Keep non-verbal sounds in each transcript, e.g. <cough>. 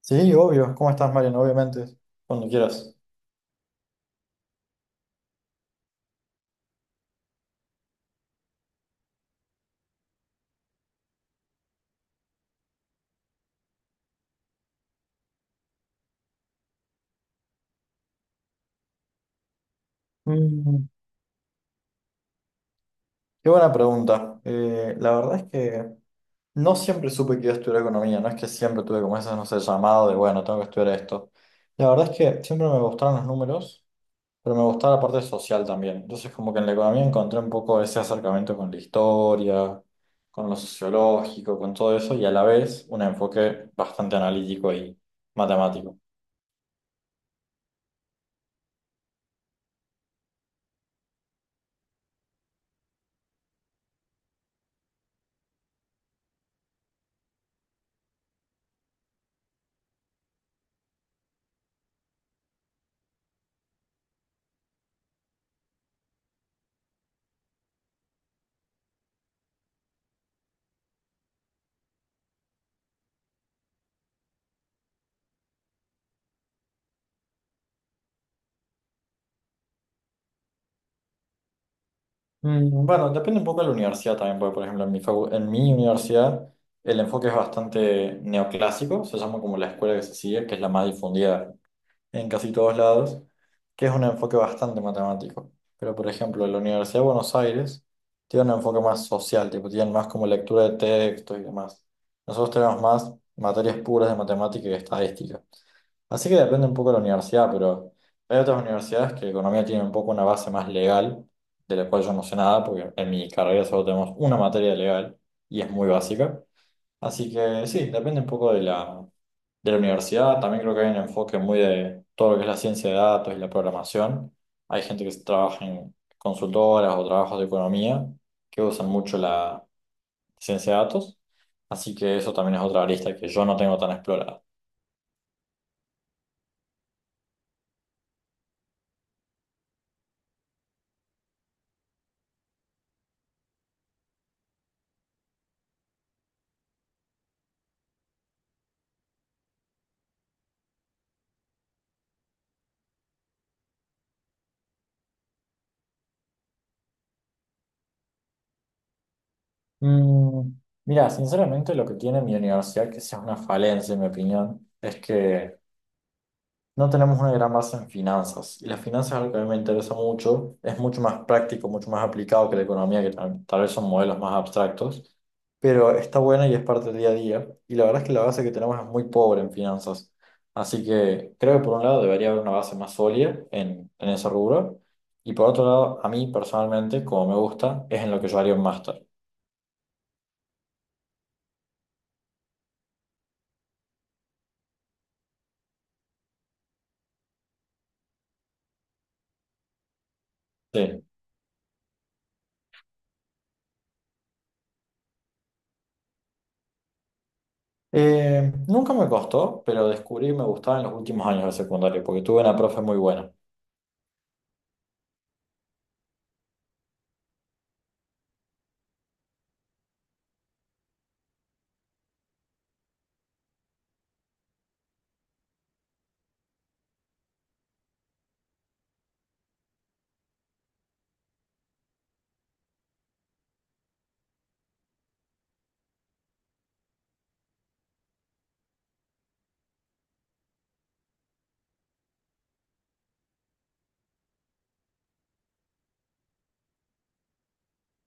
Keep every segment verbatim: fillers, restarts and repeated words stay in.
Sí, obvio. ¿Cómo estás, Mariano? Obviamente, cuando quieras. Mm, qué buena pregunta. Eh, la verdad es que no siempre supe que iba a estudiar economía. No es que siempre tuve como ese, no sé, llamado de, bueno, tengo que estudiar esto. La verdad es que siempre me gustaron los números, pero me gustaba la parte social también. Entonces, como que en la economía encontré un poco ese acercamiento con la historia, con lo sociológico, con todo eso, y a la vez un enfoque bastante analítico y matemático. Mm, Bueno, depende un poco de la universidad también, porque por ejemplo en mi, facu- en mi universidad el enfoque es bastante neoclásico, se llama como la escuela que se sigue, que es la más difundida en casi todos lados, que es un enfoque bastante matemático. Pero por ejemplo en la Universidad de Buenos Aires tiene un enfoque más social, tipo tienen más como lectura de textos y demás. Nosotros tenemos más materias puras de matemática y estadística. Así que depende un poco de la universidad, pero hay otras universidades que economía tiene un poco una base más legal, de la cual yo no sé nada, porque en mi carrera solo tenemos una materia legal y es muy básica. Así que sí, depende un poco de la, de la universidad. También creo que hay un enfoque muy de todo lo que es la ciencia de datos y la programación. Hay gente que trabaja en consultoras o trabajos de economía que usan mucho la ciencia de datos. Así que eso también es otra arista que yo no tengo tan explorada. Mm, mira, sinceramente lo que tiene mi universidad, que sea una falencia en mi opinión, es que no tenemos una gran base en finanzas. Y las finanzas es algo que a mí me interesa mucho, es mucho más práctico, mucho más aplicado que la economía, que tal, tal vez son modelos más abstractos, pero está buena y es parte del día a día. Y la verdad es que la base que tenemos es muy pobre en finanzas. Así que creo que por un lado debería haber una base más sólida en, en ese rubro. Y por otro lado, a mí personalmente, como me gusta, es en lo que yo haría un máster. Sí. Eh, nunca me costó, pero descubrí que me gustaba en los últimos años de secundaria, porque tuve una profe muy buena.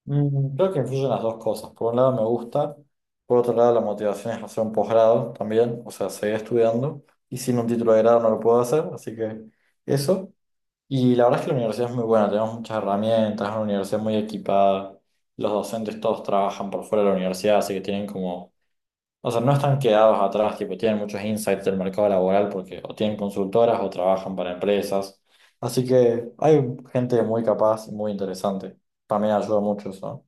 Mm, creo que influyen las dos cosas. Por un lado me gusta, por otro lado la motivación es hacer un posgrado también, o sea, seguir estudiando, y sin un título de grado no lo puedo hacer, así que eso. Y la verdad es que la universidad es muy buena, tenemos muchas herramientas, es una universidad muy equipada, los docentes todos trabajan por fuera de la universidad, así que tienen como. O sea, no están quedados atrás, tipo, tienen muchos insights del mercado laboral porque o tienen consultoras o trabajan para empresas. Así que hay gente muy capaz y muy interesante. También ayuda mucho eso.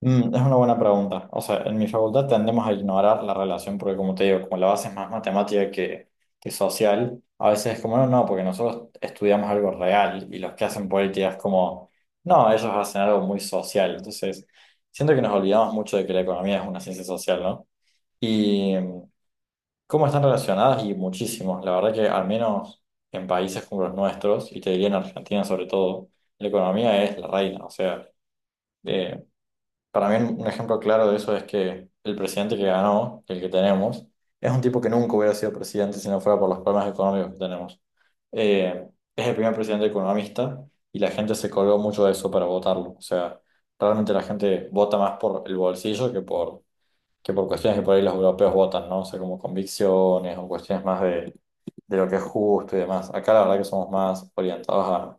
Mm, es una buena pregunta. O sea, en mi facultad tendemos a ignorar la relación porque, como te digo, como la base es más matemática que, que social, a veces es como, no, no, porque nosotros estudiamos algo real y los que hacen política es como, no, ellos hacen algo muy social. Entonces, siento que nos olvidamos mucho de que la economía es una ciencia social, ¿no? Y mm, cómo están relacionadas y muchísimos. La verdad que al menos en países como los nuestros, y te diría en Argentina sobre todo, la economía es la reina. O sea, eh, para mí un ejemplo claro de eso es que el presidente que ganó, el que tenemos, es un tipo que nunca hubiera sido presidente si no fuera por los problemas económicos que tenemos. Eh, es el primer presidente economista y la gente se colgó mucho de eso para votarlo. O sea, realmente la gente vota más por el bolsillo que por que por cuestiones que por ahí los europeos votan, ¿no? O sea, como convicciones o cuestiones más de, de lo que es justo y demás. Acá la verdad que somos más orientados a,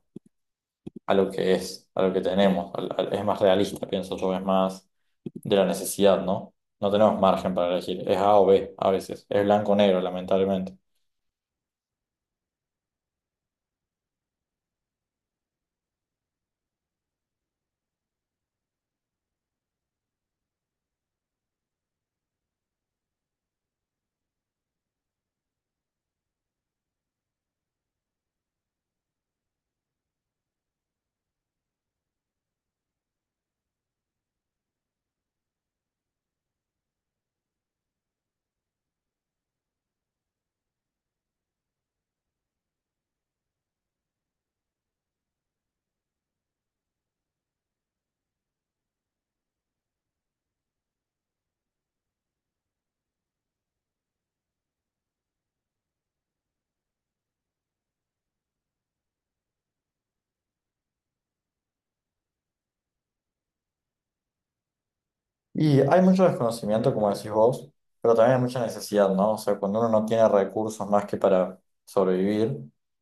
a lo que es, a lo que tenemos. Al- al- es más realista, pienso yo, es más de la necesidad, ¿no? No tenemos margen para elegir, es A o B a veces, es blanco o negro, lamentablemente. Y hay mucho desconocimiento, como decís vos, pero también hay mucha necesidad, ¿no? O sea, cuando uno no tiene recursos más que para sobrevivir,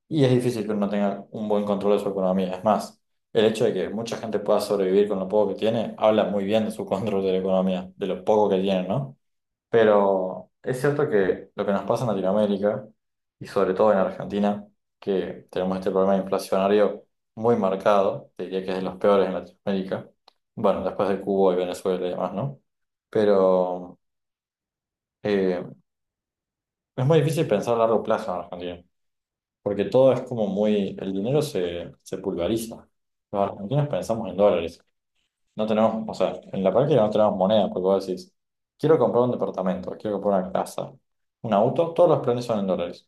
y es difícil que uno tenga un buen control de su economía. Es más, el hecho de que mucha gente pueda sobrevivir con lo poco que tiene, habla muy bien de su <laughs> control de la economía, de lo poco que tiene, ¿no? Pero es cierto que lo que nos pasa en Latinoamérica, y sobre todo en Argentina, que tenemos este problema inflacionario muy marcado, te diría que es de los peores en Latinoamérica, bueno, después de Cuba y Venezuela y demás, ¿no? Pero eh, es muy difícil pensar a largo plazo en Argentina, porque todo es como muy, el dinero se, se pulveriza. Los argentinos pensamos en dólares. No tenemos, o sea, en la práctica no tenemos moneda, porque vos decís, quiero comprar un departamento, quiero comprar una casa, un auto, todos los planes son en dólares.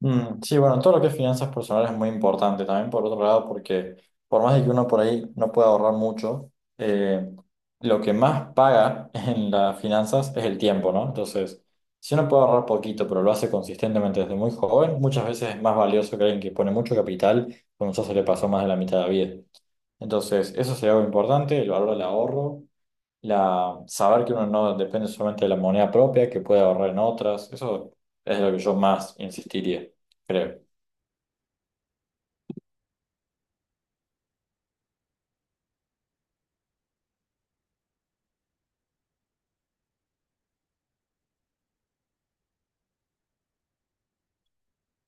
Mm, sí, bueno, todo lo que es finanzas personales es muy importante también, por otro lado, porque por más de que uno por ahí no pueda ahorrar mucho, eh, lo que más paga <laughs> en las finanzas es el tiempo, ¿no? Entonces, si uno puede ahorrar poquito, pero lo hace consistentemente desde muy joven, muchas veces es más valioso que alguien que pone mucho capital, cuando ya se le pasó más de la mitad de la vida. Entonces, eso sería algo importante, el valor del ahorro, la, saber que uno no depende solamente de la moneda propia, que puede ahorrar en otras, eso es lo que yo más insistiría, creo.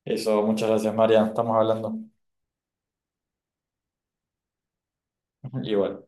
Eso, muchas gracias, María, estamos hablando. <laughs> Igual.